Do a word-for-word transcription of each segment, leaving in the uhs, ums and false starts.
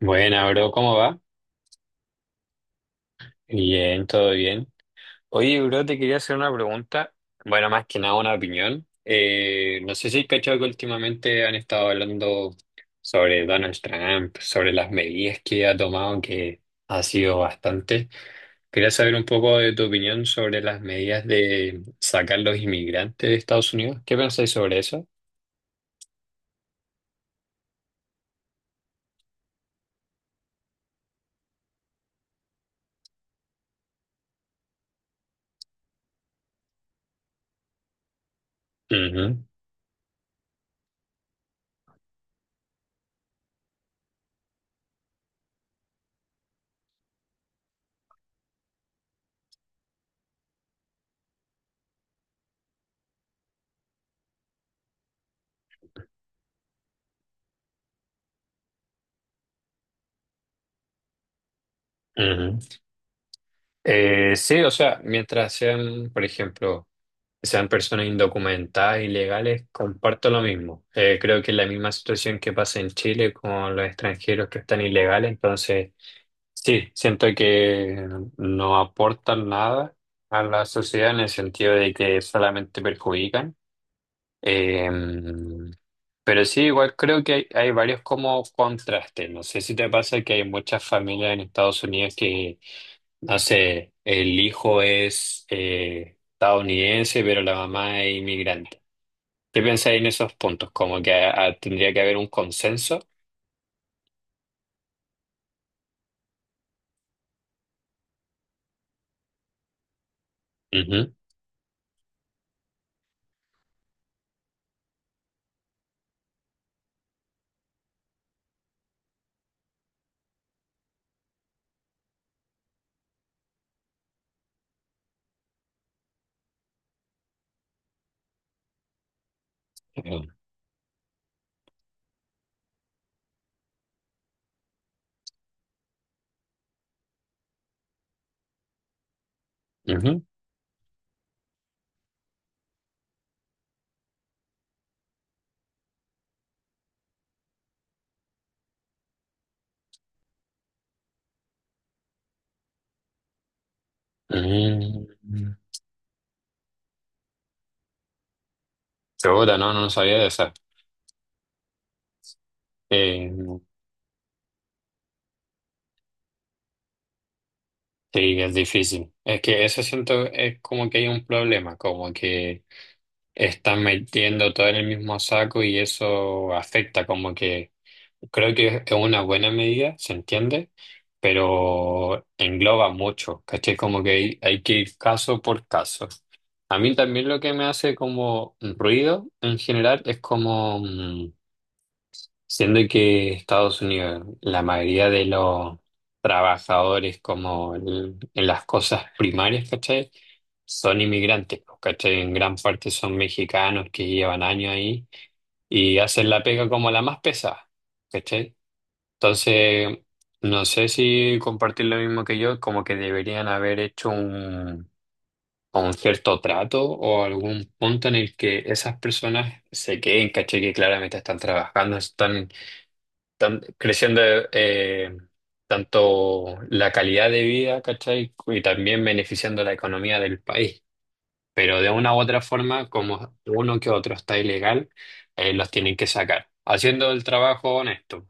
Buena, bro, ¿cómo va? Bien, todo bien. Oye, bro, te quería hacer una pregunta. Bueno, más que nada una opinión. Eh, no sé si has cachado que últimamente han estado hablando sobre Donald Trump, sobre las medidas que ha tomado, que ha sido bastante. Quería saber un poco de tu opinión sobre las medidas de sacar los inmigrantes de Estados Unidos. ¿Qué pensáis sobre eso? Ujú, ujú. Eh, sí, o sea, mientras sean, por ejemplo, sean personas indocumentadas, ilegales, comparto lo mismo. Eh, creo que es la misma situación que pasa en Chile con los extranjeros que están ilegales, entonces sí, siento que no aportan nada a la sociedad en el sentido de que solamente perjudican. Eh, pero sí, igual creo que hay, hay varios como contrastes. No sé si te pasa que hay muchas familias en Estados Unidos que, no sé, el hijo es eh, estadounidense, pero la mamá es inmigrante. ¿Qué pensáis en esos puntos? Como que ah, tendría que haber un consenso. Ujú, ujú. Mm. Segura, no, no sabía de esa. Eh, sí, es difícil. Es que eso siento es como que hay un problema, como que están metiendo todo en el mismo saco y eso afecta, como que creo que es una buena medida, se entiende, pero engloba mucho, ¿cachai? Como que hay, hay que ir caso por caso. A mí también lo que me hace como ruido en general es como, mm, siendo que Estados Unidos, la mayoría de los trabajadores como el- en las cosas primarias, ¿cachai? Son inmigrantes, pues, ¿cachai? En gran parte son mexicanos que llevan años ahí y hacen la pega como la más pesada, ¿cachai? Entonces, no sé si compartir lo mismo que yo, como que deberían haber hecho un, un cierto trato o algún punto en el que esas personas se queden, caché que claramente están trabajando, están, están creciendo eh, tanto la calidad de vida, ¿cachai? Y también beneficiando la economía del país. Pero de una u otra forma, como uno que otro está ilegal, eh, los tienen que sacar, haciendo el trabajo honesto.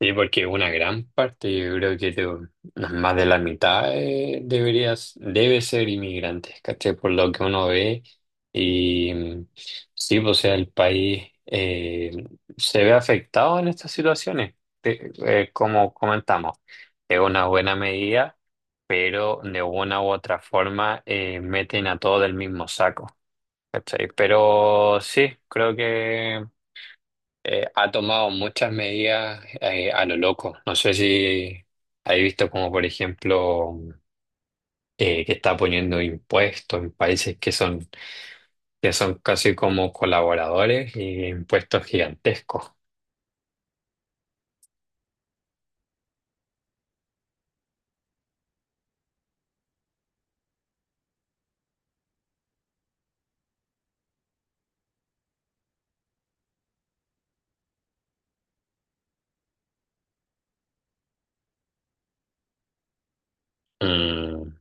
Sí, porque una gran parte, yo creo que te- más de la mitad eh, deberías, debe ser inmigrantes, ¿cachai? Por lo que uno ve. Y mm, sí, pues, o sea, el país eh, se ve afectado en estas situaciones. Te- eh, Como comentamos, es una buena medida, pero de una u otra forma eh, meten a todo del mismo saco, ¿cachai? Pero sí, creo que eh, ha tomado muchas medidas eh, a lo loco. No sé si has visto como, por ejemplo, eh, que está poniendo impuestos en países que son, que son casi como colaboradores y impuestos gigantescos. Mm,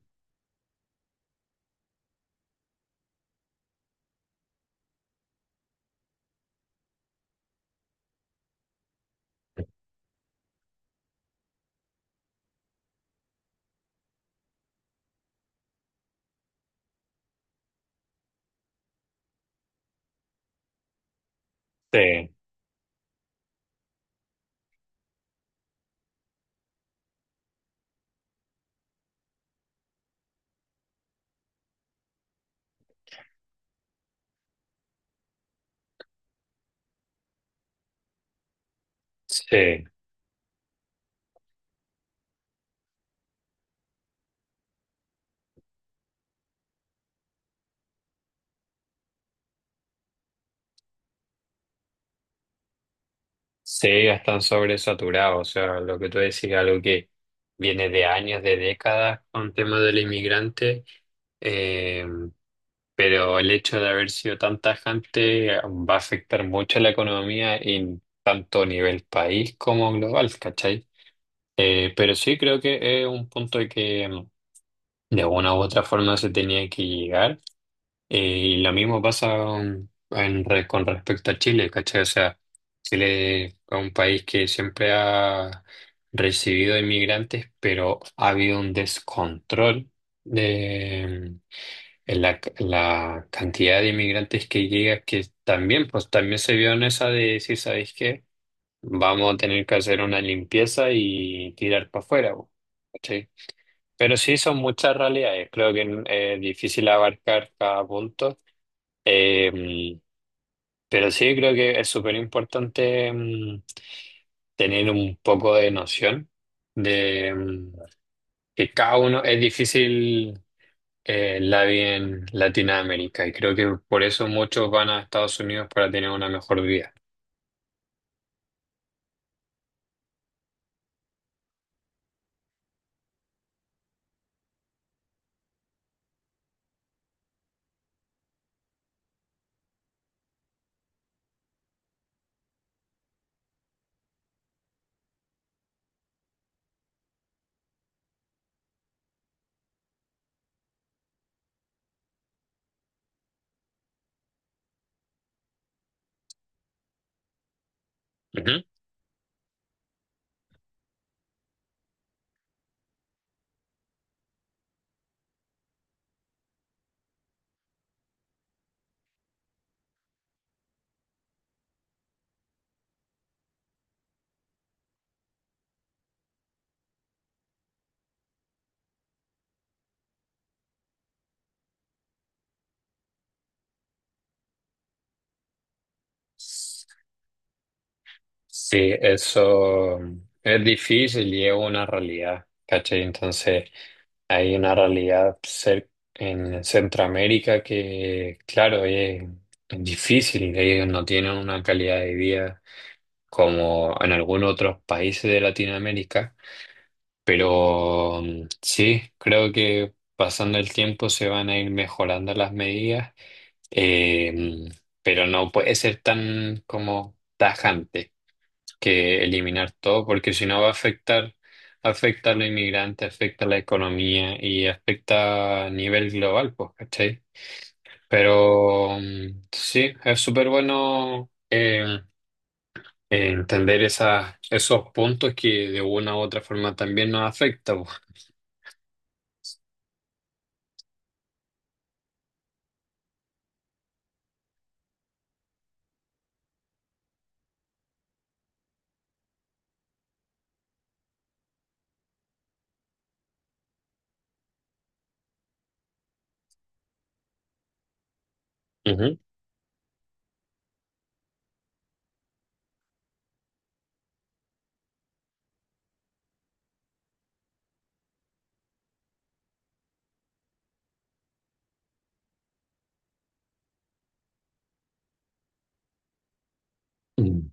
sí, sí, sí, ya están sobresaturados. O sea, lo que tú decís, algo que viene de años, de décadas con temas del inmigrante. eh, pero el hecho de haber sido tan tajante eh, va a afectar mucho a la economía en tanto a nivel país como global, ¿cachai? Eh, pero sí creo que es un punto de que mm, de una u otra forma se tenía que llegar. Eh, y lo mismo pasa mm, en re- con respecto a Chile, ¿cachai? O sea, Chile es un país que siempre ha recibido inmigrantes, pero ha habido un descontrol la, la cantidad de inmigrantes que llega, que también, pues también se vio en esa de decir, ¿sabéis qué? Vamos a tener que hacer una limpieza y tirar para afuera, po, ¿cachai? Pero sí son muchas realidades, creo que eh, es difícil abarcar cada punto. Eh, pero sí creo que es súper importante mm, tener un poco de noción de mm, que cada uno es difícil. Eh, la vi en Latinoamérica y creo que por eso muchos van a Estados Unidos para tener una mejor vida. Ujú. Sí, eso es difícil y es una realidad, ¿cachai? Entonces hay una realidad cer- en Centroamérica que, claro, es es difícil, ellos no tienen una calidad de vida como en algunos otros países de Latinoamérica. Pero mm, sí, creo que pasando el tiempo se van a ir mejorando las medidas, eh, mm, pero no puede ser tan como tajante que eliminar todo, porque si no va a afectar, afecta a los inmigrantes, afecta a la economía y afecta a nivel global, pues, ¿cachai? Pero mm, sí, es súper bueno eh, entender esas, esos puntos que de una u otra forma también nos afectan, pues. Mm.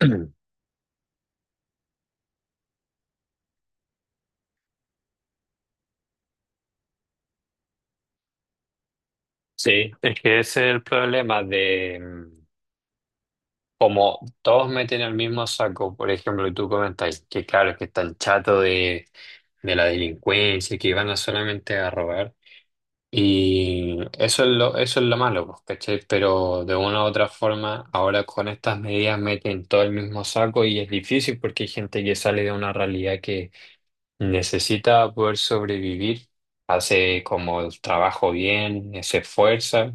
Sí, es que ese es el problema de mm, como todos meten el mismo saco, por ejemplo, y tú comentáis que claro, que están chato de, de la delincuencia, que van a solamente a robar. Y eso es lo, eso es lo malo, pues, ¿cachai? Pero de una u otra forma, ahora con estas medidas meten todo el mismo saco y es difícil porque hay gente que sale de una realidad que necesita poder sobrevivir, hace como el trabajo bien, se esfuerza,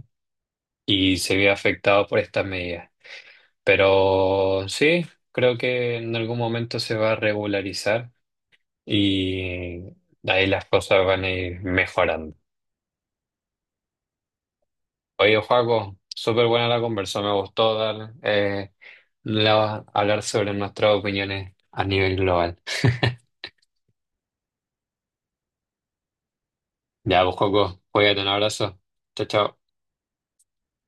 y se ve afectado por estas medidas. Pero sí, creo que en algún momento se va a regularizar y ahí las cosas van a ir mejorando. Oye, Joaco, súper buena la conversa, me gustó dar, eh, la- hablar sobre nuestras opiniones a nivel global. Ya, pues, Joaco, cuídate, un abrazo. Chao, chao.